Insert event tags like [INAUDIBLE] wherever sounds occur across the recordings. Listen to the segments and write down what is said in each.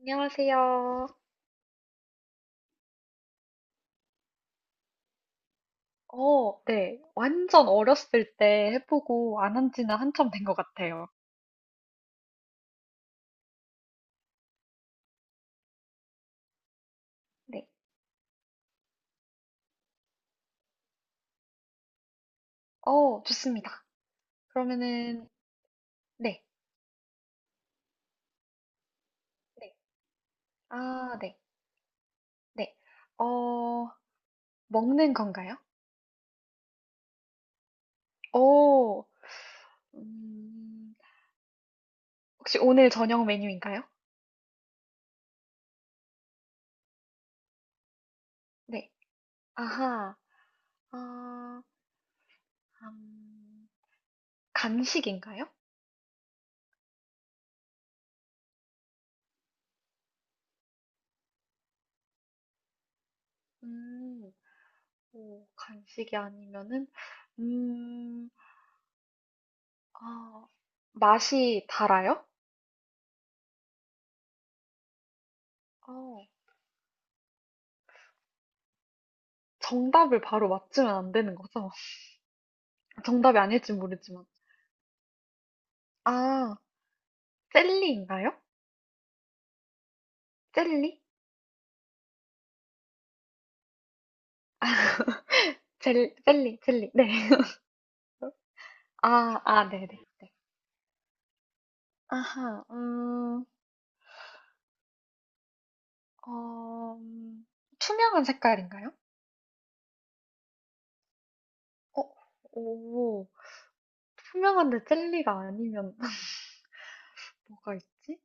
안녕하세요. 어, 네. 완전 어렸을 때 해보고 안 한 지는 한참 된 것 같아요. 네. 어, 좋습니다. 그러면은, 네. 네. 아, 네. 네. 어, 먹는 건가요? 어, 음, 혹시 오늘 저녁 메뉴인가요? 네. 아하. 아, 음, 간식인가요? 음, 오, 간식이 아니면은, 음, 아, 맛이 달아요? 어, 정답을 바로 맞추면 안 되는 거죠? [LAUGHS] 정답이 아닐지 모르지만. 아, 젤리인가요? 젤리? [LAUGHS] 아, 젤리, 젤리. 네. [LAUGHS] 아, 아, 네네. 네. 네. 아하, 어, 투명한 색깔인가요? 어, 오, 투명한데 젤리가 아니면 [LAUGHS] 뭐가 있지?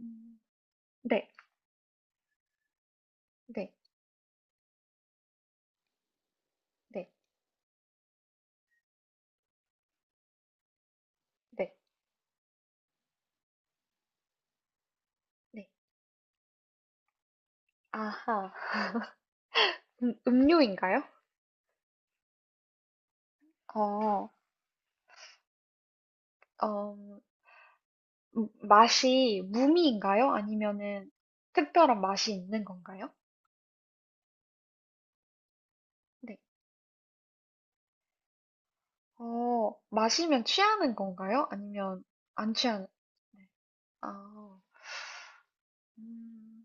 음, 네, 네, 네, 네, 네. 아하, [LAUGHS] 음료인가요? 어, 어, 맛이 무미인가요? 아니면은 특별한 맛이 있는 건가요? 네. 어, 마시면 취하는 건가요? 아니면 안 취하는? 네. 아, 음,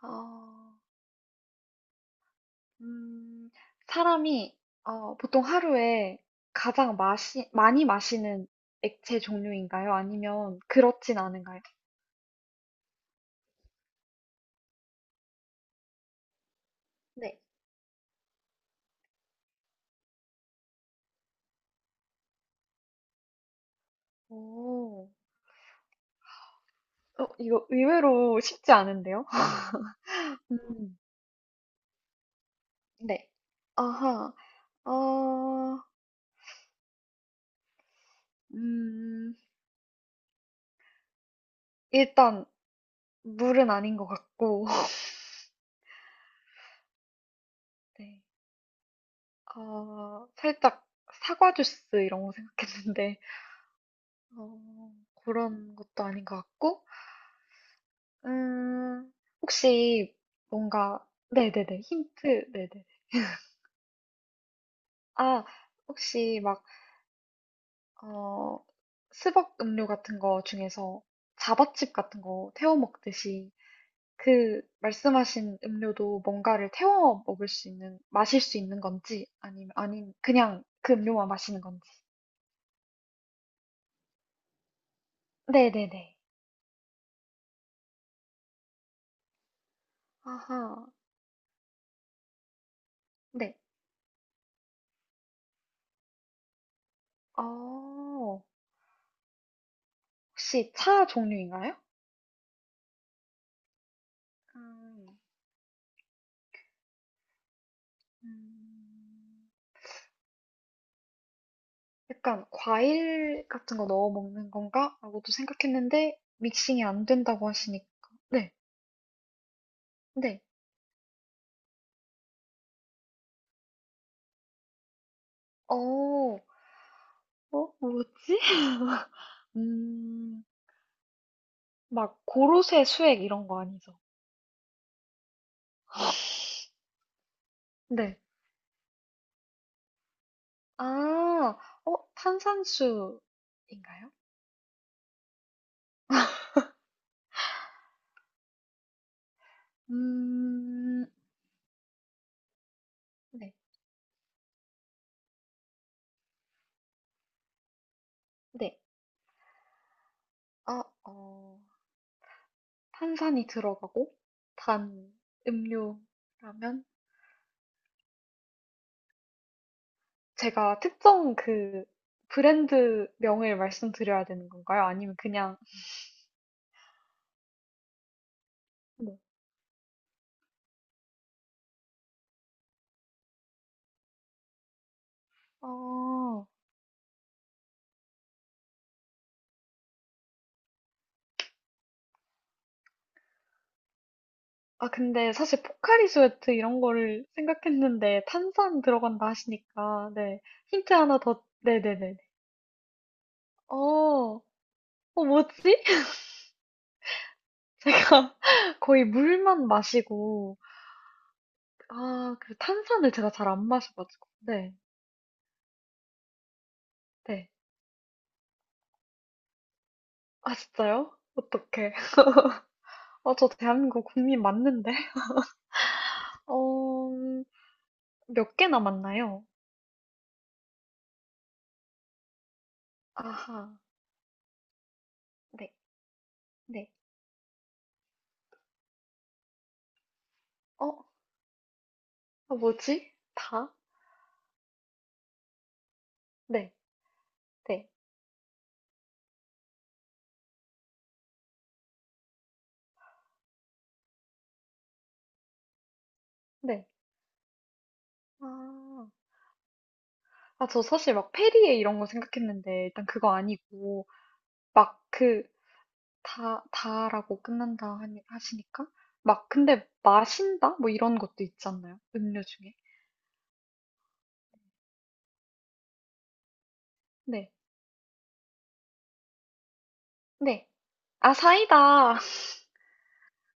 아, 음, 사람이 어, 보통 하루에 가장 많이 마시는 액체 종류인가요? 아니면 그렇진 않은가요? 네. 오, 어, 이거 의외로 쉽지 않은데요? [LAUGHS] 음, 네. 아하. 어, 음, 일단 물은 아닌 것 같고, [LAUGHS] 네. 어, 살짝 사과 주스 이런 거 생각했는데, [LAUGHS] 어, 그런 것도 아닌 것 같고, 음, 혹시 뭔가, 네네네, 힌트, 네네. 아, 혹시 막, 어, 스벅 음료 같은 거 중에서 자바칩 같은 거 태워 먹듯이 그 말씀하신 음료도 뭔가를 태워 먹을 수 있는, 마실 수 있는 건지, 아니면, 아닌, 그냥 그 음료만 마시는 건지. 네네네. 아하, 네. 어, 혹시 차 종류인가요? 음, 음, 약간 과일 같은 거 넣어 먹는 건가? 라고도 생각했는데, 믹싱이 안 된다고 하시니까. 네, 네. 어, 어, 뭐지? [LAUGHS] 음, 막 고로쇠 수액 이런 거 아니죠? 네. 아, 어, 탄산수인가요? 음, 네, 네. 아, 어, 탄산이 들어가고 단 음료라면 제가 특정 그 브랜드 명을 말씀드려야 되는 건가요? 아니면 그냥 네. 어, 아, 근데 사실 포카리 스웨트 이런 거를 생각했는데 탄산 들어간다 하시니까 네. 힌트 하나 더, 네네네. 어, 어, 뭐지? 제가 [LAUGHS] 거의 물만 마시고, 아, 그 탄산을 제가 잘 안 마셔가지고. 네, 네. 아, 진짜요? 어떡해. 아, 저 대한민국 국민 맞는데? [LAUGHS] 어, 몇 개 남았나요? 아하, 네, 네. 어, 아, 뭐지? 다? 네, 네, 네. 아, 아, 저 사실 막 페리에 이런 거 생각했는데, 일단 그거 아니고, 막 그, 다라고 끝난다 하니, 하시니까. 막, 근데, 마신다? 뭐 이런 것도 있지 않나요? 음료 중에. 네. 네. 아, 사이다.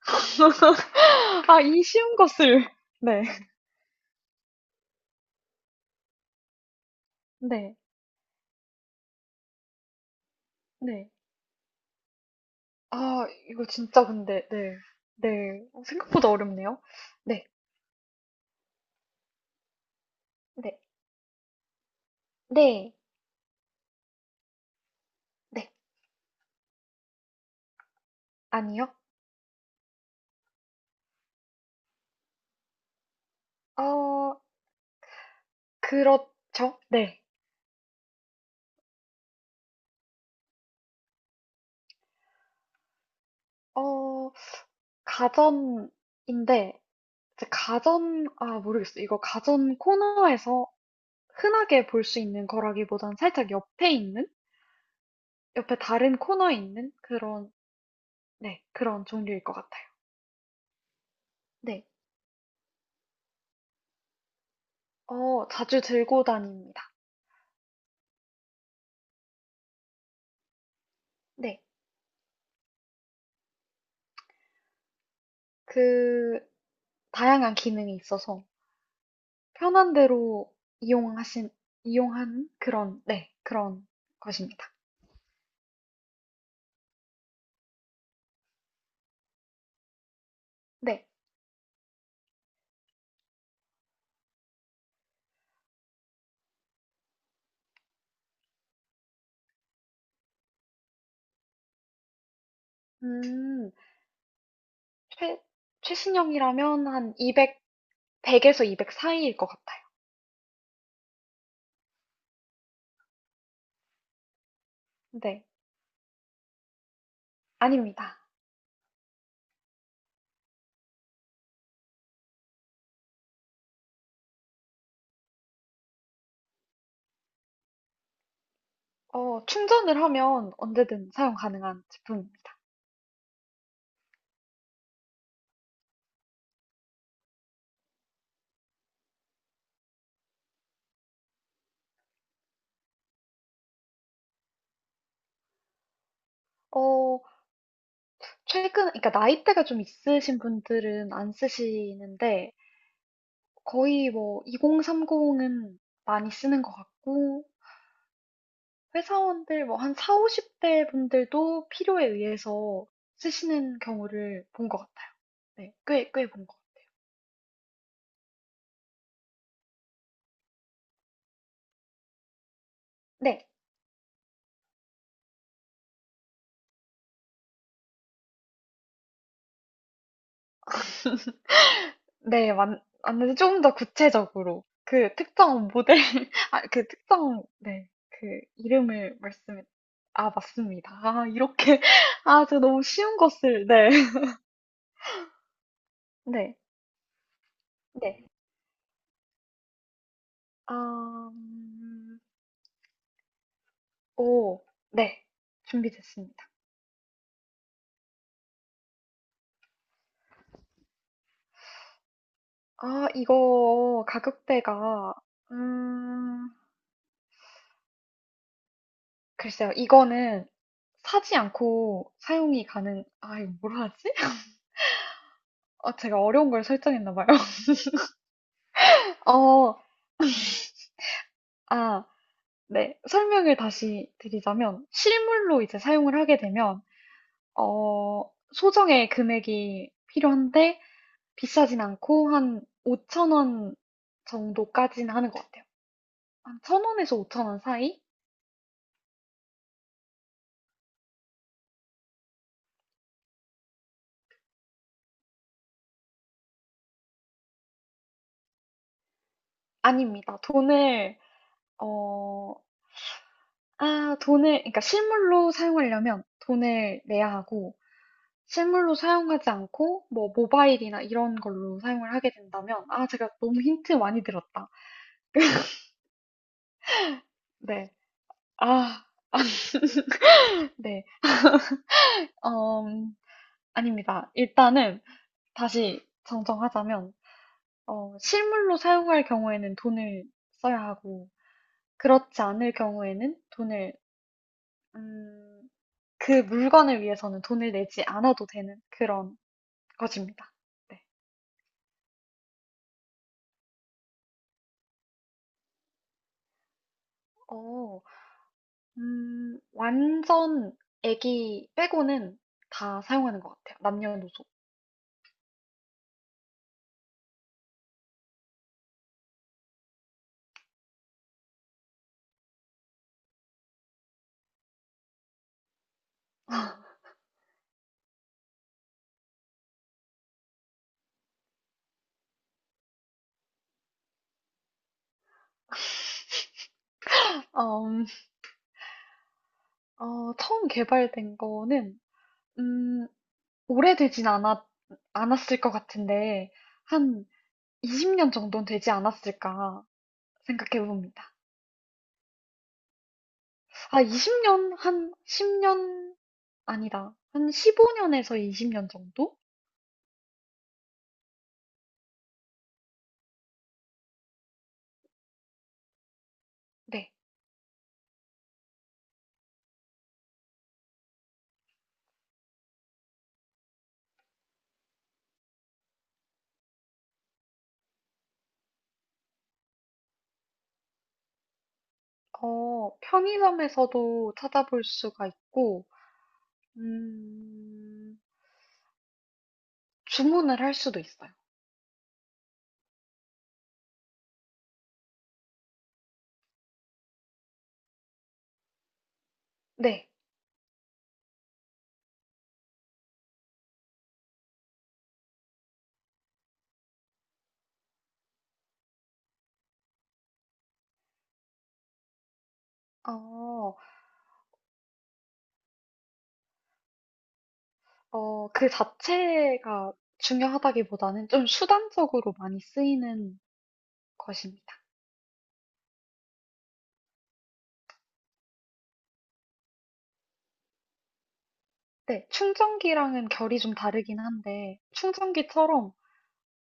[LAUGHS] 아, 이 쉬운 것을. 네. 네. 네. 아, 이거 진짜 근데, 네. 네. 어, 생각보다 어렵네요. 네. 네. 네. 네. 아니요. 어, 그렇죠. 네. 어, 가전인데, 이제 가전, 아, 모르겠어요. 이거 가전 코너에서 흔하게 볼 수 있는 거라기보단 살짝 옆에 있는, 옆에 다른 코너에 있는 그런, 네, 그런 종류일 것 같아요. 네, 어, 자주 들고 다닙니다. 네, 그, 다양한 기능이 있어서 편한 대로 이용하신, 이용한 그런, 네, 그런 것입니다. 네, 음, 최, 최신형이라면 한 200, 100에서 200 사이일 것 같아요. 네, 아닙니다. 어, 충전을 하면 언제든 사용 가능한 제품입니다. 어, 최근, 그러니까 나이대가 좀 있으신 분들은 안 쓰시는데, 거의 뭐, 2030은 많이 쓰는 것 같고, 회사원들 뭐, 한 4, 50대 분들도 필요에 의해서 쓰시는 경우를 본 것 같아요. 네, 꽤 본 것 같아요. 네, [LAUGHS] 네, 맞는데 조금 더 구체적으로, 그 특정 모델, [LAUGHS] 아, 그 특정, 네, 그 이름을 말씀해, 아, 맞습니다. 아, 이렇게, [LAUGHS] 아, 제가 너무 쉬운 것을, 네. 네. 네. 아 오. 네. 준비됐습니다. 아 이거 가격대가 음 글쎄요. 이거는 사지 않고 사용이 가능 아 이거 뭐라 하지? [LAUGHS] 아 제가 어려운 걸 설정했나 봐요. [LAUGHS] 어. 아 네. 설명을 다시 드리자면 실물로 이제 사용을 하게 되면 어 소정의 금액이 필요한데 비싸진 않고 한 5천 원 정도까지는 하는 것 같아요. 한 1,000원에서 5,000원 사이? 아닙니다. 돈을 어, 아, 돈을, 그러니까 실물로 사용하려면 돈을 내야 하고, 실물로 사용하지 않고, 뭐, 모바일이나 이런 걸로 사용을 하게 된다면, 아, 제가 너무 힌트 많이 들었다. 네. 아, 아, [LAUGHS] 네. 음, 아닙니다. 일단은 다시 정정하자면, 어, 실물로 사용할 경우에는 돈을 써야 하고, 그렇지 않을 경우에는 돈을, 음, 그 물건을 위해서는 돈을 내지 않아도 되는 그런 것입니다. 네. 어, 완전 애기 빼고는 다 사용하는 것 같아요. 남녀노소. 어, 어, 처음 개발된 거는, 음, 오래되진 않았, 않았을 것 같은데, 한 20년 정도는 되지 않았을까 생각해 봅니다. 아, 20년? 한 10년? 아니다. 한 15년에서 20년 정도? 네. 어, 편의점에서도 찾아볼 수가 있고, 음, 주문을 할 수도 있어요. 네. 어, 어, 그 자체가 중요하다기보다는 좀 수단적으로 많이 쓰이는 것입니다. 네. 충전기랑은 결이 좀 다르긴 한데, 충전기처럼,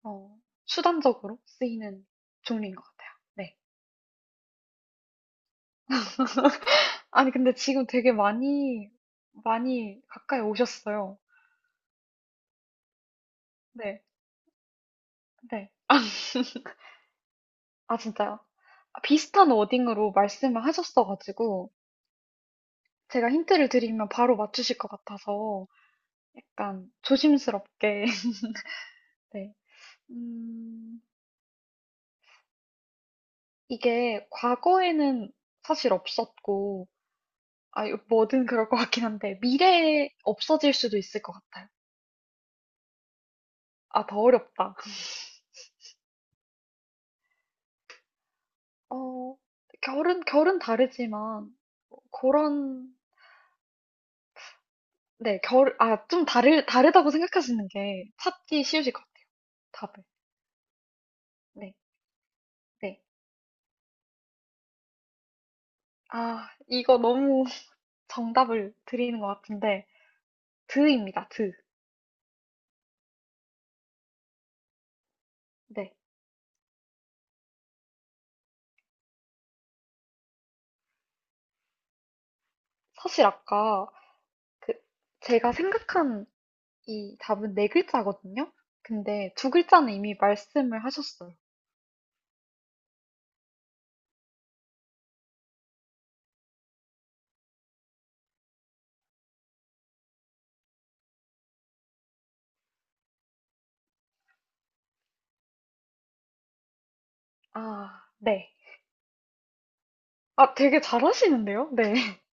어, 수단적으로 쓰이는 종류인 것 같아요. 네. 아니, 근데 지금 되게 많이, 많이 가까이 오셨어요. 네, 네. [LAUGHS] 아, 진짜요? 아, 비슷한 워딩으로 말씀을 하셨어가지고, 제가 힌트를 드리면 바로 맞추실 것 같아서, 약간 조심스럽게. [LAUGHS] 네. 음, 이게 과거에는 사실 없었고, 아, 이거 뭐든 그럴 것 같긴 한데, 미래에 없어질 수도 있을 것 같아요. 아, 더 어렵다. [LAUGHS] 어, 결은 다르지만, 뭐 그런 네, 결, 아, 다르다고 생각하시는 게 찾기 쉬우실 것 같아요. 답을. 네, 네. 아, 이거 너무 [LAUGHS] 정답을 드리는 것 같은데, 드입니다, 드. 네. 사실 아까 그, 제가 생각한 이 답은 네 글자거든요? 근데 두 글자는 이미 말씀을 하셨어요. 아, 네. 아, 되게 잘하시는데요? 네. [LAUGHS]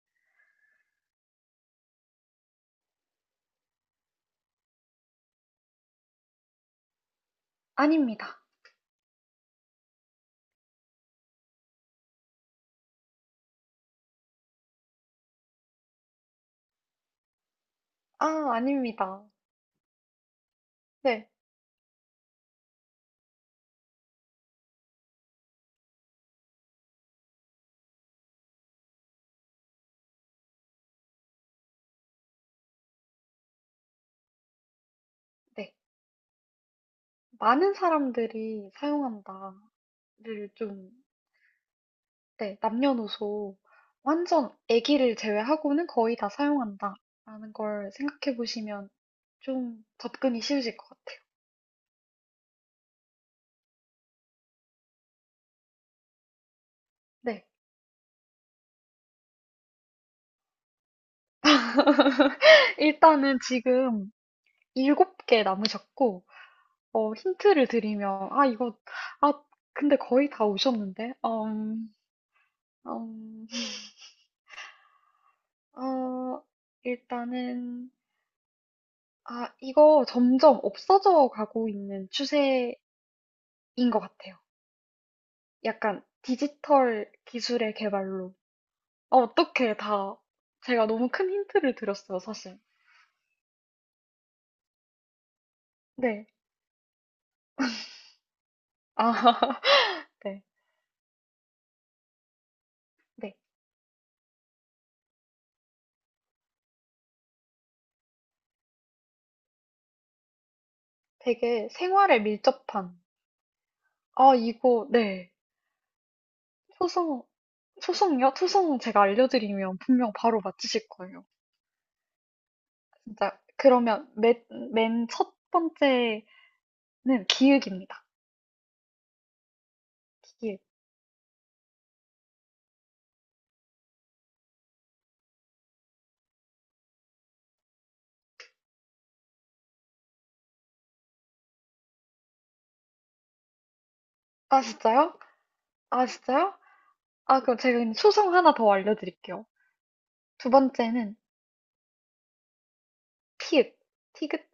아닙니다. 아, 아닙니다. 네, 네. 많은 사람들이 사용한다를 좀 네, 남녀노소 완전 아기를 제외하고는 거의 다 사용한다. 라는 걸 생각해 보시면 좀 접근이 쉬우실 것 같아요. 네. [LAUGHS] 일단은 지금 일곱 개 남으셨고, 어, 힌트를 드리면, 아, 이거, 아, 근데 거의 다 오셨는데, 음, 어, 일단은, 아, 이거 점점 없어져 가고 있는 추세인 것 같아요. 약간 디지털 기술의 개발로. 아, 어떻게 다. 제가 너무 큰 힌트를 드렸어요, 사실. 네. 아, [LAUGHS] 네. 네. 되게 생활에 밀접한. 아, 이거, 네. 초성, 초성이요? 초성 제가 알려드리면 분명 바로 맞추실 거예요. 진짜. 그러면 맨 첫 번째는 기읍입니다. 기읍. 아, 진짜요? 아, 진짜요? 아, 그럼 제가 그냥 초성 하나 더 알려드릴게요. 두 번째는 피읍. 티귿.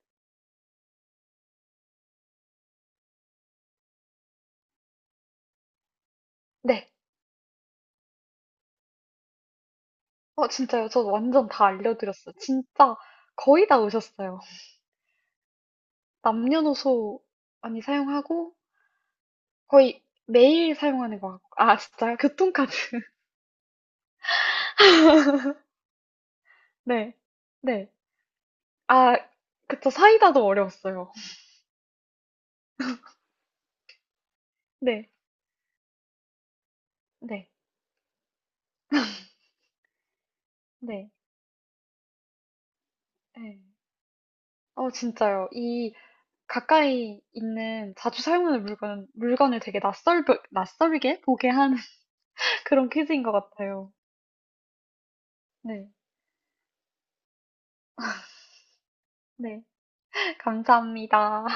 네. 어, 진짜요? 저 완전 다 알려드렸어요. 진짜 거의 다 오셨어요. 남녀노소 많이 사용하고 거의 매일 사용하는 것 같고. 아, 진짜요? 교통카드. [LAUGHS] 네. 네. 아, 그쵸. 사이다도 어려웠어요. 네. 네. 네. 네. 어, 진짜요. 이 가까이 있는 자주 사용하는 물건, 물건을 되게 낯설게 보게 하는 [LAUGHS] 그런 퀴즈인 것 같아요. 네. 네. [LAUGHS] 감사합니다.